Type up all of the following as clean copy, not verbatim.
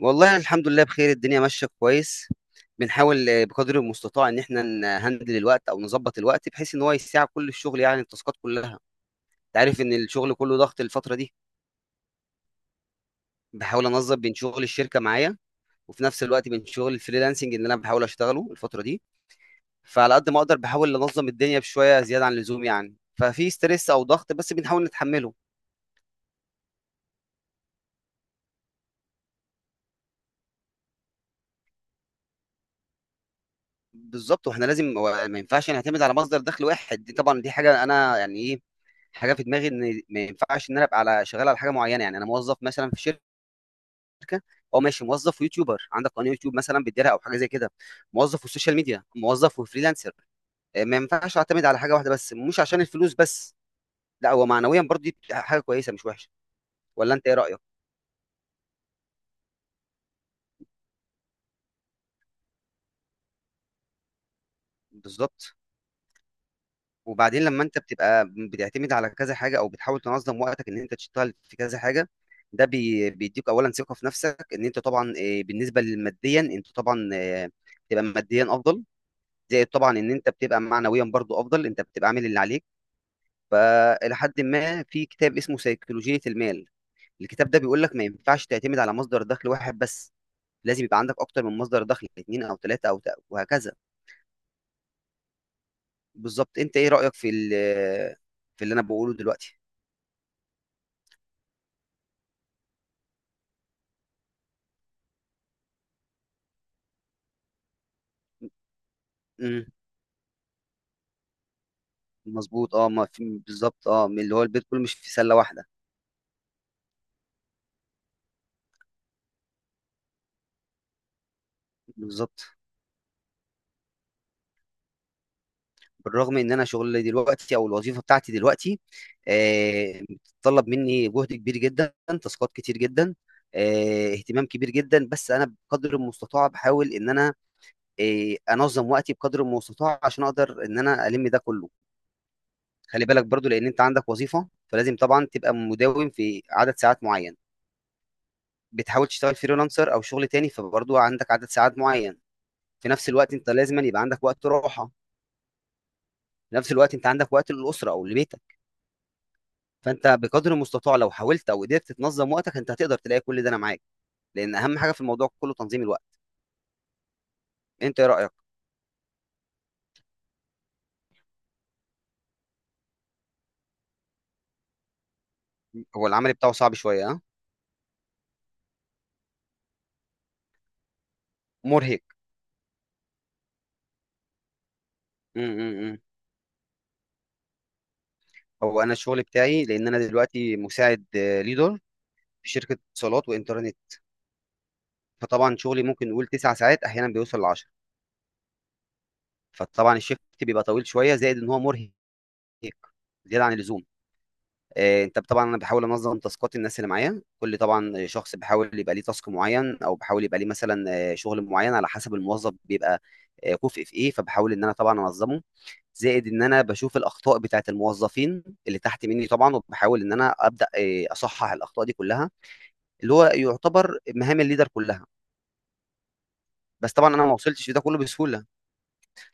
والله الحمد لله بخير، الدنيا ماشية كويس. بنحاول بقدر المستطاع ان احنا نهندل الوقت او نظبط الوقت، بحيث ان هو يساع كل الشغل، يعني التاسكات كلها. انت عارف ان الشغل كله ضغط الفترة دي. بحاول انظم بين شغل الشركة معايا، وفي نفس الوقت بين شغل الفريلانسنج اللي انا بحاول اشتغله الفترة دي. فعلى قد ما اقدر بحاول انظم الدنيا بشوية زيادة عن اللزوم، يعني ففي ستريس او ضغط، بس بنحاول نتحمله. بالظبط، واحنا لازم ما ينفعش نعتمد على مصدر دخل واحد. دي طبعا دي حاجه انا يعني ايه، حاجه في دماغي ان ما ينفعش ان انا ابقى على شغال على حاجه معينه، يعني انا موظف مثلا في شركه، او ماشي موظف ويوتيوبر، عندك قناه يوتيوب مثلا بتديرها او حاجه زي كده، موظف والسوشيال ميديا، موظف وفريلانسر. ما ينفعش اعتمد على حاجه واحده بس، مش عشان الفلوس بس. لا هو معنويا برضه دي حاجه كويسه، مش وحشه. ولا انت ايه رايك؟ بالظبط. وبعدين لما انت بتبقى بتعتمد على كذا حاجه او بتحاول تنظم وقتك ان انت تشتغل في كذا حاجه، ده بيديك اولا ثقه في نفسك ان انت طبعا، بالنسبه للماديا انت طبعا، بتبقى ماديا افضل. زائد طبعا ان انت بتبقى معنويا برضو افضل، انت بتبقى عامل اللي عليك. فالى حد ما في كتاب اسمه سيكولوجيه المال. الكتاب ده بيقول لك ما ينفعش تعتمد على مصدر دخل واحد بس. لازم يبقى عندك اكتر من مصدر دخل، اثنين او ثلاثه او وهكذا. بالظبط، انت ايه رايك في في اللي انا بقوله دلوقتي؟ إمم. مظبوط، اه، ما في بالظبط، اه، من اللي هو البيت كله مش في سله واحده. بالظبط. بالرغم ان انا شغلي دلوقتي او الوظيفه بتاعتي دلوقتي، آه بتطلب مني جهد كبير جدا، تاسكات كتير جدا، اهتمام كبير جدا، بس انا بقدر المستطاع بحاول ان انا انظم وقتي بقدر المستطاع عشان اقدر ان انا الم ده كله. خلي بالك برضو، لان انت عندك وظيفه فلازم طبعا تبقى مداوم في عدد ساعات معين. بتحاول تشتغل فريلانسر او شغل تاني، فبرضو عندك عدد ساعات معين. في نفس الوقت انت لازم يبقى عندك وقت راحه. في نفس الوقت انت عندك وقت للاسره او لبيتك. فانت بقدر المستطاع لو حاولت او قدرت تنظم وقتك، انت هتقدر تلاقي كل ده. انا معاك، لان اهم حاجه في الموضوع كله تنظيم الوقت. انت ايه رايك؟ هو العمل بتاعه صعب شويه، ها؟ مرهق. امم هو انا الشغل بتاعي، لان انا دلوقتي مساعد ليدر في شركه اتصالات وانترنت. فطبعا شغلي ممكن نقول 9 ساعات، احيانا بيوصل ل 10. فطبعا الشيفت بيبقى طويل شويه، زائد ان هو مرهق زياده عن اللزوم. انت طبعا انا بحاول انظم تاسكات الناس اللي معايا. كل طبعا شخص بحاول يبقى ليه تاسك معين او بحاول يبقى ليه مثلا شغل معين على حسب الموظف بيبقى كفء في ايه، فبحاول ان انا طبعا انظمه. زائد ان انا بشوف الاخطاء بتاعت الموظفين اللي تحت مني طبعا، وبحاول ان انا ابدا اصحح الاخطاء دي كلها، اللي هو يعتبر مهام الليدر كلها. بس طبعا انا ما وصلتش لده كله بسهوله.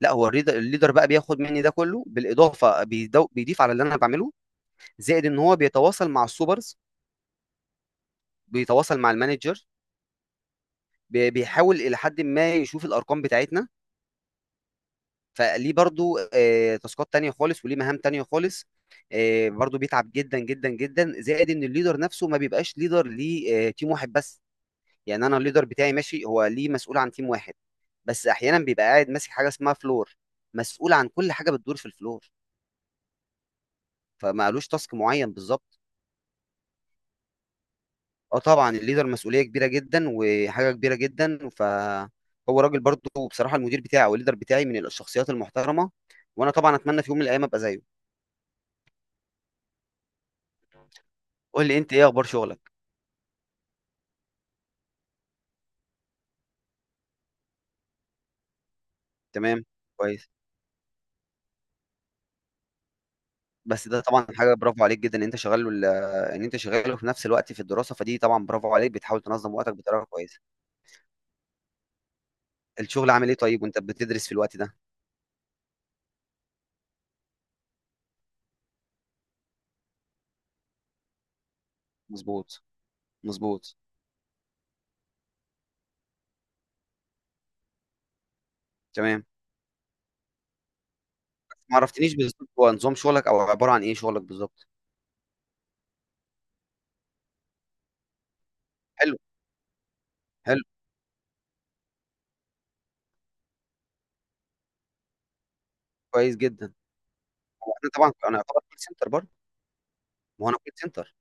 لا هو الليدر بقى بياخد مني ده كله، بالاضافه بيضيف على اللي انا بعمله، زائد ان هو بيتواصل مع السوبرز، بيتواصل مع المانجر، بيحاول الى حد ما يشوف الارقام بتاعتنا. فليه برضو تاسكات تانية خالص وليه مهام تانية خالص. برضو بيتعب جدا جدا جدا، زائد ان الليدر نفسه ما بيبقاش ليدر ليه تيم واحد بس. يعني انا الليدر بتاعي ماشي، هو ليه مسؤول عن تيم واحد. بس احيانا بيبقى قاعد ماسك حاجه اسمها فلور، مسؤول عن كل حاجه بتدور في الفلور، فما قالوش تاسك معين بالظبط. اه طبعا، الليدر مسؤوليه كبيره جدا وحاجه كبيره جدا، فهو راجل برضه. وبصراحه المدير بتاعي او الليدر بتاعي من الشخصيات المحترمه، وانا طبعا اتمنى في يوم من الايام ابقى زيه. قول لي انت، ايه اخبار شغلك؟ تمام، كويس. بس ده طبعا حاجه برافو عليك جدا ان انت شغال ان انت شغال في نفس الوقت في الدراسه، فدي طبعا برافو عليك، بتحاول تنظم وقتك بطريقه كويسه. الشغل عامل ايه طيب وانت بتدرس في الوقت ده؟ مظبوط، مظبوط. تمام. ما عرفتنيش بالظبط هو نظام شغلك او عباره عن ايه شغلك بالظبط؟ حلو، حلو، كويس جدا. هو انا طبعا، انا اعتبر كول سنتر برضه. ما هو انا كول سنتر.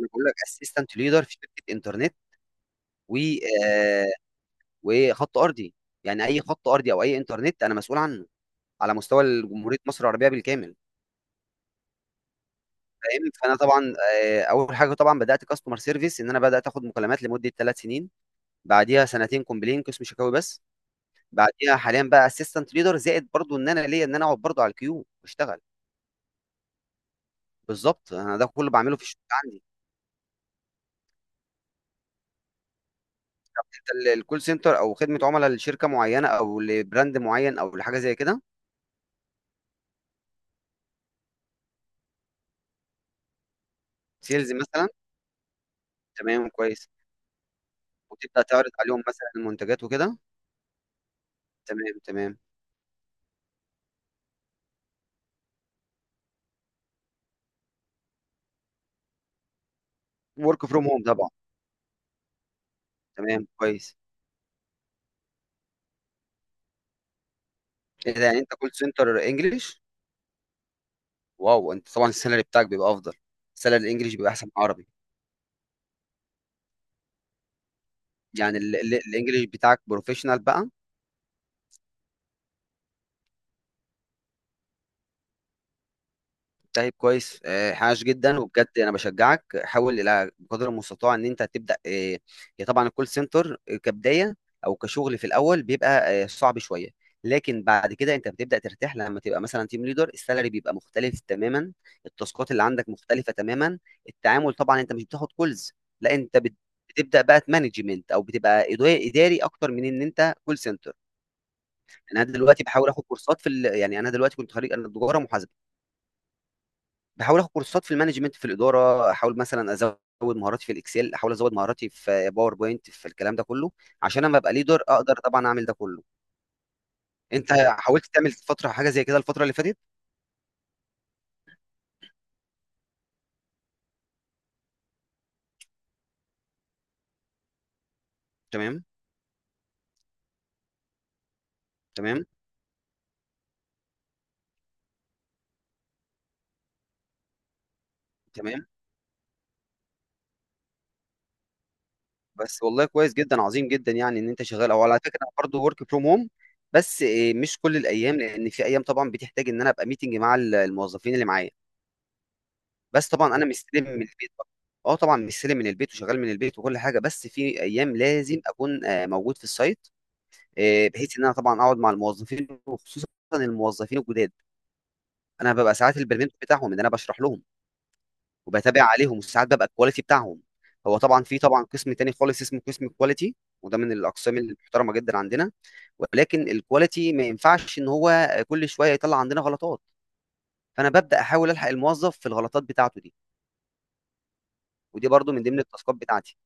انا بقول لك، اسيستنت ليدر في شركه انترنت، و آه، وخط ارضي. يعني اي خط ارضي او اي انترنت انا مسؤول عنه، على مستوى جمهوريه مصر العربيه بالكامل. فاهم؟ فانا طبعا اول حاجه طبعا بدات كاستمر سيرفيس، ان انا بدات اخد مكالمات لمده 3 سنين. بعديها سنتين كومبلين قسم شكاوي بس. بعديها حاليا بقى اسيستنت ليدر، زائد برضه ان انا ليا ان انا اقعد برضه على الكيو واشتغل. بالظبط، انا ده كله بعمله في الشغل. الكول سنتر او خدمه عملاء لشركه معينه او لبراند معين او لحاجه زي كده، سيلز مثلا. تمام، كويس. وتبدا تعرض عليهم مثلا المنتجات وكده. تمام، تمام. ورك فروم هوم طبعا. تمام، كويس. إيه ده؟ يعني انت كول سنتر انجلش؟ واو، انت طبعا السالري بتاعك بيبقى افضل. السالري الانجليش بيبقى احسن من العربي. يعني الانجليش بتاعك بروفيشنال بقى؟ طيب، كويس، حاش جدا، وبجد انا بشجعك حاول الى قدر المستطاع ان انت تبدا. هي طبعا الكول سنتر كبدايه، او كشغل في الاول بيبقى صعب شويه. لكن بعد كده انت بتبدا ترتاح، لما تبقى مثلا تيم ليدر السالري بيبقى مختلف تماما. التاسكات اللي عندك مختلفه تماما. التعامل طبعا، انت مش بتاخد كولز، لا، انت بتبدا بقى مانجمنت، او بتبقى اداري اكتر من ان انت كول سنتر. انا دلوقتي بحاول اخد كورسات في يعني انا دلوقتي كنت خريج، انا تجاره محاسبه. باحاول آخد كورسات في المانجمنت، في الإدارة، أحاول مثلًا أزوّد مهاراتي في الإكسل، أحاول أزوّد مهاراتي في PowerPoint، في الكلام ده كلّه، عشان أمّا أبقى leader أقدر طبعًا أعمل ده كلّه. أنت حاولت تعمل فترة حاجة زي كده الفترة اللي فاتت؟ تمام، تمام، تمام. بس والله كويس جدًا، عظيم جدًا يعني إن أنت شغّال أهو، وعلى فكرة انا برضه work from home. بس مش كل الأيام، لإن في أيام طبعًا بتحتاج إن أنا أبقى meeting مع الموظفين اللي معايا، بس طبعًا أنا مستلم من البيت برضه. طبعًا مستلم من البيت وشغّال من البيت وكل حاجة، بس في أيام لازم أكون موجود في الsite، بحيث ان انا طبعا اقعد مع الموظفين، وخصوصا الموظفين الجداد. انا ببقى ساعات البرمنت بتاعهم ان انا بشرح لهم، وبتابع عليهم، وساعات ببقى الكواليتي بتاعهم. هو طبعا في طبعا قسم تاني خالص اسمه قسم الكواليتي، وده من الاقسام المحترمه جدا عندنا. ولكن الكواليتي ما ينفعش ان هو كل شويه يطلع عندنا غلطات، فانا ببدا احاول الحق الموظف في الغلطات بتاعته دي. ودي برضو من ضمن التاسكات بتاعتي.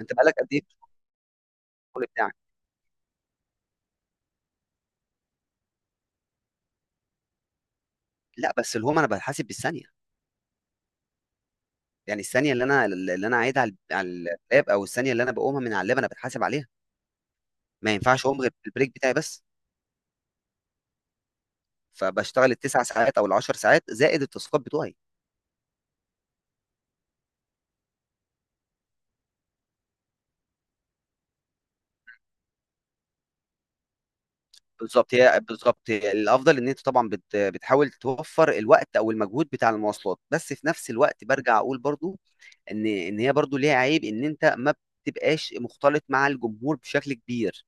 انت بقالك قد ايه في الشغل بتاعك؟ لا بس الهوم انا بحاسب بالثانيه، يعني الثانيه اللي انا قاعدها على اللاب، او الثانيه اللي انا بقومها من على اللاب انا بتحاسب عليها. ما ينفعش اقوم غير بالبريك بتاعي بس. فبشتغل التسع ساعات او العشر ساعات، زائد التاسكات بتوعي. بالظبط هي الافضل، ان انت طبعا بتحاول توفر الوقت او المجهود بتاع المواصلات، بس في نفس الوقت برجع اقول برضو ان هي برضو ليها عيب، ان انت ما بتبقاش مختلط مع الجمهور بشكل كبير،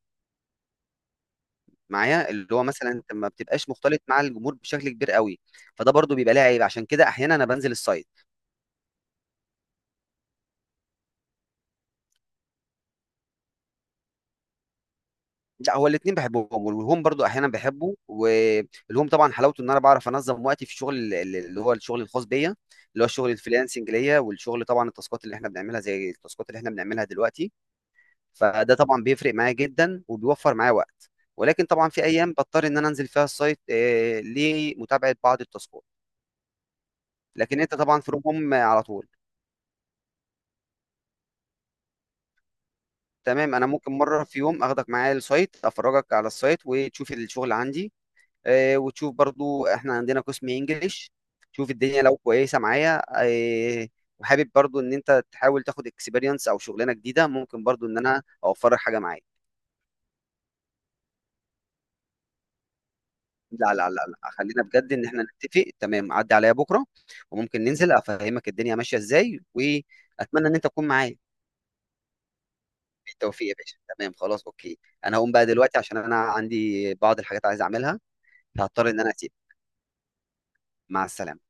معايا اللي هو مثلا انت ما بتبقاش مختلط مع الجمهور بشكل كبير قوي. فده برضو بيبقى ليه عيب، عشان كده احيانا انا بنزل السايت. لا هو الاثنين بحبهم، والهوم برضو احيانا بحبه، والهوم طبعا حلاوته ان انا بعرف انظم وقتي في الشغل اللي هو الشغل الخاص بيا، اللي هو الشغل الفريلانسنج ليا، والشغل طبعا التاسكات اللي احنا بنعملها زي التاسكات اللي احنا بنعملها دلوقتي. فده طبعا بيفرق معايا جدا وبيوفر معايا وقت. ولكن طبعا في ايام بضطر ان انا انزل فيها السايت لمتابعه بعض التاسكات. لكن انت طبعا في روم على طول. تمام. انا ممكن مره في يوم اخدك معايا السايت، افرجك على السايت وتشوف الشغل عندي، وتشوف برضو احنا عندنا قسم انجليش، تشوف الدنيا لو كويسه معايا. وحابب برضو ان انت تحاول تاخد اكسبيرينس او شغلانه جديده، ممكن برضو ان انا اوفرك حاجه معايا. لا، لا، لا، لا، خلينا بجد ان احنا نتفق. تمام، عدي عليا بكره، وممكن ننزل افهمك الدنيا ماشيه ازاي، واتمنى ان انت تكون معايا. بالتوفيق يا باشا. تمام، خلاص، اوكي. انا هقوم بقى دلوقتي عشان انا عندي بعض الحاجات عايز اعملها، فهضطر ان انا اسيب. مع السلامه.